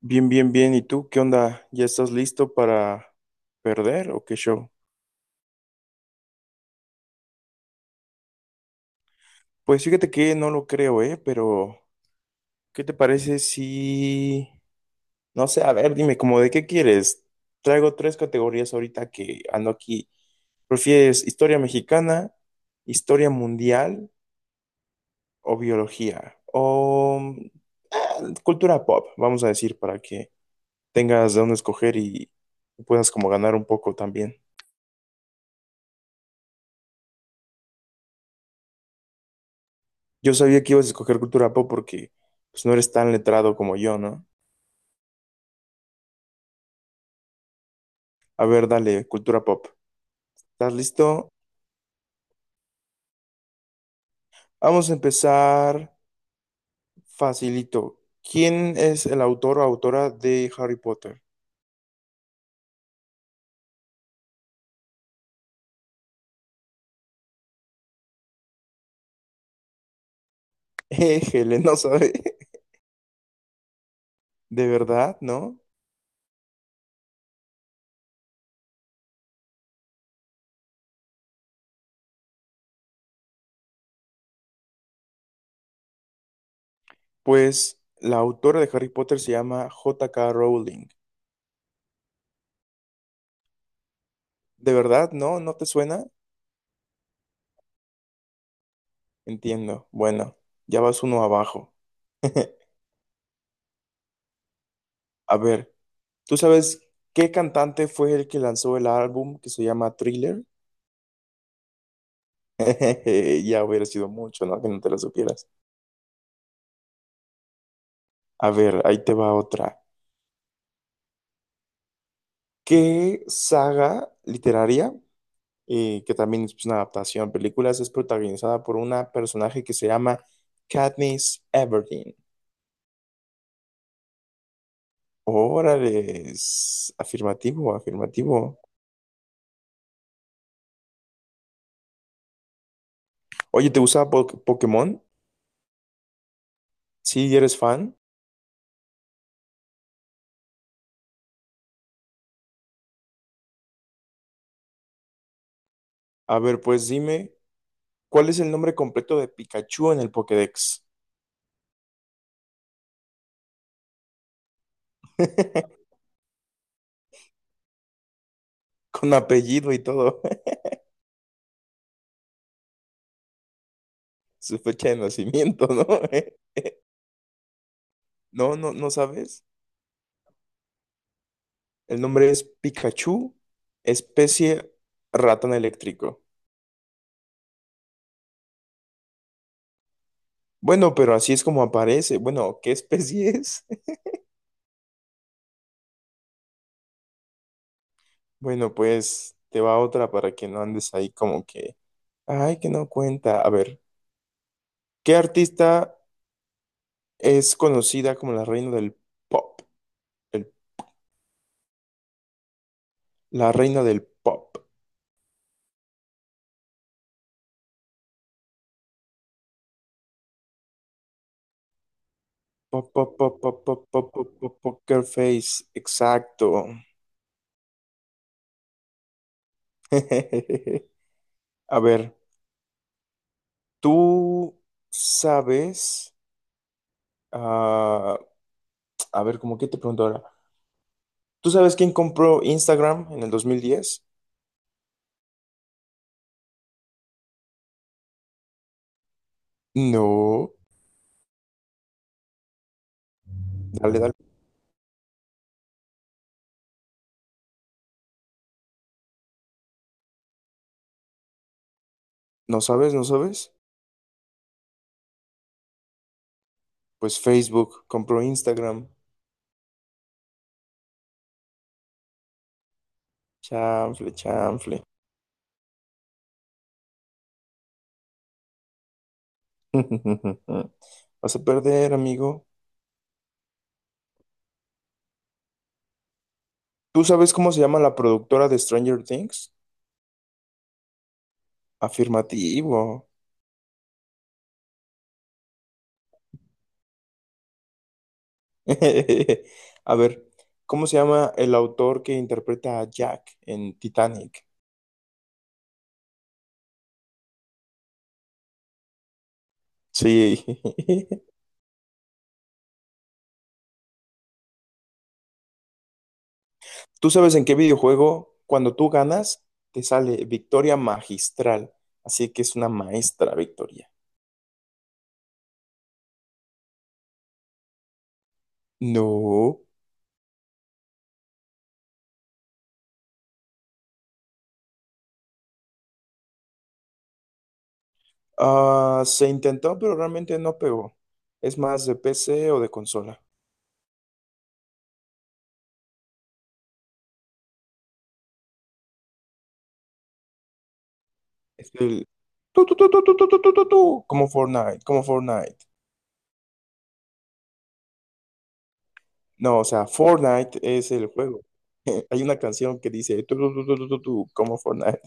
Bien, bien, bien. ¿Y tú qué onda? ¿Ya estás listo para perder o qué show? Pues fíjate que no lo creo, ¿eh? Pero, ¿qué te parece si? No sé, a ver, dime, como de qué quieres? Traigo tres categorías ahorita que ando aquí. ¿Prefieres historia mexicana, historia mundial o biología? O cultura pop, vamos a decir, para que tengas de dónde escoger y puedas como ganar un poco también. Yo sabía que ibas a escoger cultura pop porque pues, no eres tan letrado como yo, ¿no? A ver, dale, cultura pop. ¿Estás listo? Vamos a empezar facilito. ¿Quién es el autor o autora de Harry Potter? Éjele, no sabe. ¿De verdad, no? Pues la autora de Harry Potter se llama J.K. Rowling. ¿De verdad, no? ¿No te suena? Entiendo. Bueno, ya vas uno abajo. A ver, ¿tú sabes qué cantante fue el que lanzó el álbum que se llama Thriller? Ya hubiera sido mucho, ¿no? Que no te lo supieras. A ver, ahí te va otra. ¿Qué saga literaria, que también es pues, una adaptación a películas, es protagonizada por una personaje que se llama Katniss Everdeen? Órale, es afirmativo, afirmativo. Oye, ¿te gusta Pokémon? Sí, eres fan. A ver, pues dime, ¿cuál es el nombre completo de Pikachu en el Pokédex? Con apellido y todo, su fecha de nacimiento, ¿no? No, no, no sabes. El nombre es Pikachu, especie ratón eléctrico. Bueno, pero así es como aparece. Bueno, ¿qué especie es? Bueno, pues te va otra para que no andes ahí como que, ay, que no cuenta. A ver, ¿qué artista es conocida como la reina del pop? El- la reina del pop. Pop, pop, pop, pop, pop, pop, pop, pop, poker face. Exacto. A ver, ¿tú sabes? Ah, a ver, ¿cómo que te pregunto ahora? ¿Tú sabes quién compró Instagram en el 2010? No. Dale, dale. ¿No sabes? ¿No sabes? Pues Facebook compró Instagram. Chanfle, chanfle. Vas a perder, amigo. ¿Tú sabes cómo se llama la productora de Stranger Things? Afirmativo. A ver, ¿cómo se llama el autor que interpreta a Jack en Titanic? Sí. ¿Tú sabes en qué videojuego, cuando tú ganas, te sale victoria magistral? Así que es una maestra victoria. No. Ah, se intentó, pero realmente no pegó. Es más de PC o de consola. Es el, tu, como Fortnite, como Fortnite. No, o sea, Fortnite es el juego. Hay una canción que dice tu, tu, tu, tu, tu, tu, tu, como Fortnite.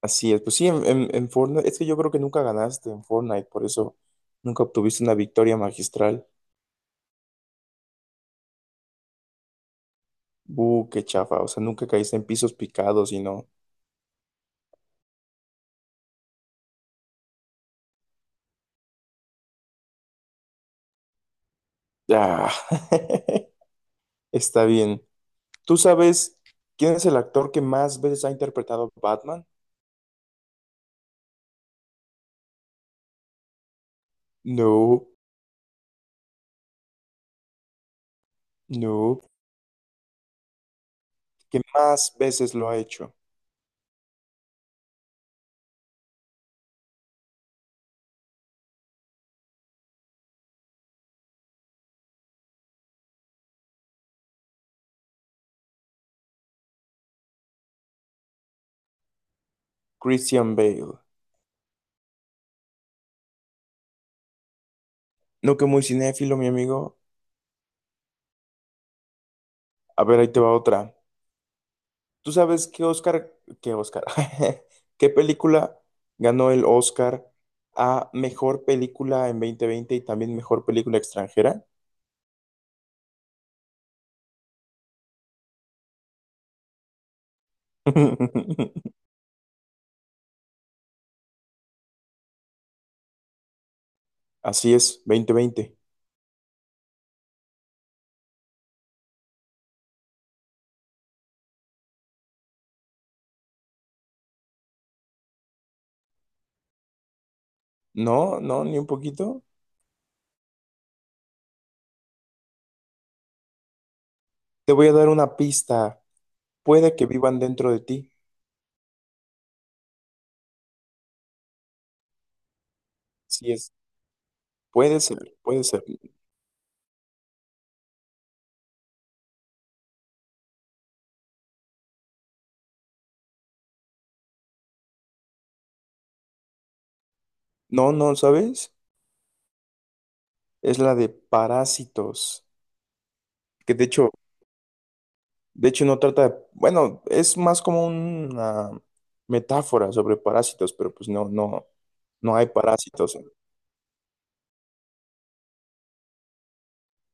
Así es, pues sí, en Fortnite, es que yo creo que nunca ganaste en Fortnite, por eso nunca obtuviste una victoria magistral. Qué chafa. O sea, nunca caíste en pisos picados y no. Ah, está bien. ¿Tú sabes quién es el actor que más veces ha interpretado a Batman? No, no. ¿Que más veces lo ha hecho? Christian Bale. No que muy cinéfilo, mi amigo. A ver, ahí te va otra. ¿Tú sabes qué Oscar, qué Oscar, qué película ganó el Oscar a mejor película en 2020 y también mejor película extranjera? Así es, 2020. No, no, ni un poquito. Te voy a dar una pista. Puede que vivan dentro de ti. Sí es. Puede ser, puede ser. No, no, ¿sabes? Es la de parásitos. Que de hecho, no trata de. Bueno, es más como una metáfora sobre parásitos, pero pues no, no, no hay parásitos.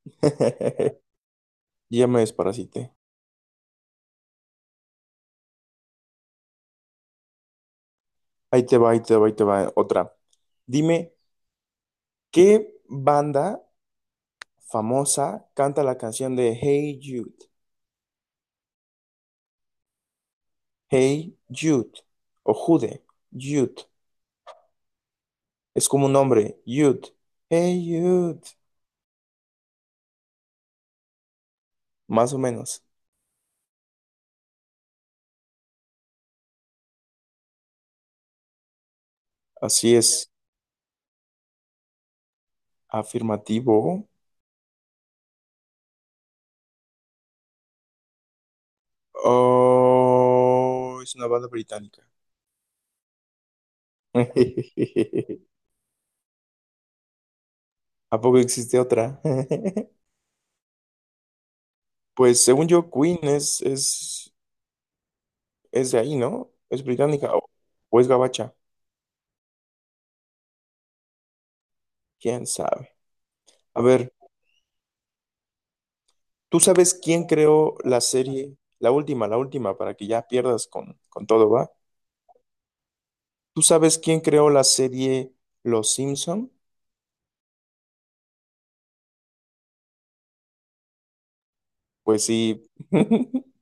Ya me desparasité. Ahí te va, ahí te va, ahí te va otra. Dime, ¿qué banda famosa canta la canción de Hey Jude? Hey Jude. O Jude. Jude. Es como un nombre. Jude. Hey Jude. Más o menos. Así es. Afirmativo. Oh, es una banda británica. ¿A poco existe otra? Pues según yo, Queen es de ahí, ¿no? Es británica o es gabacha. ¿Quién sabe? A ver. ¿Tú sabes quién creó la serie, la última, para que ya pierdas con todo, va? ¿Tú sabes quién creó la serie Los Simpson? Pues sí.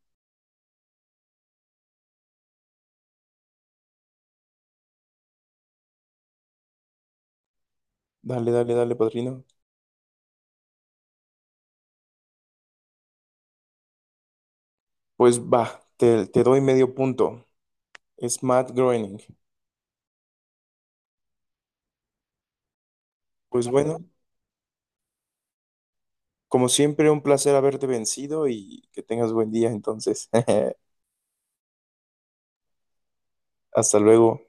Dale, dale, dale, padrino. Pues va, te doy medio punto. Es Matt Groening. Pues bueno, como siempre, un placer haberte vencido y que tengas buen día entonces. Hasta luego.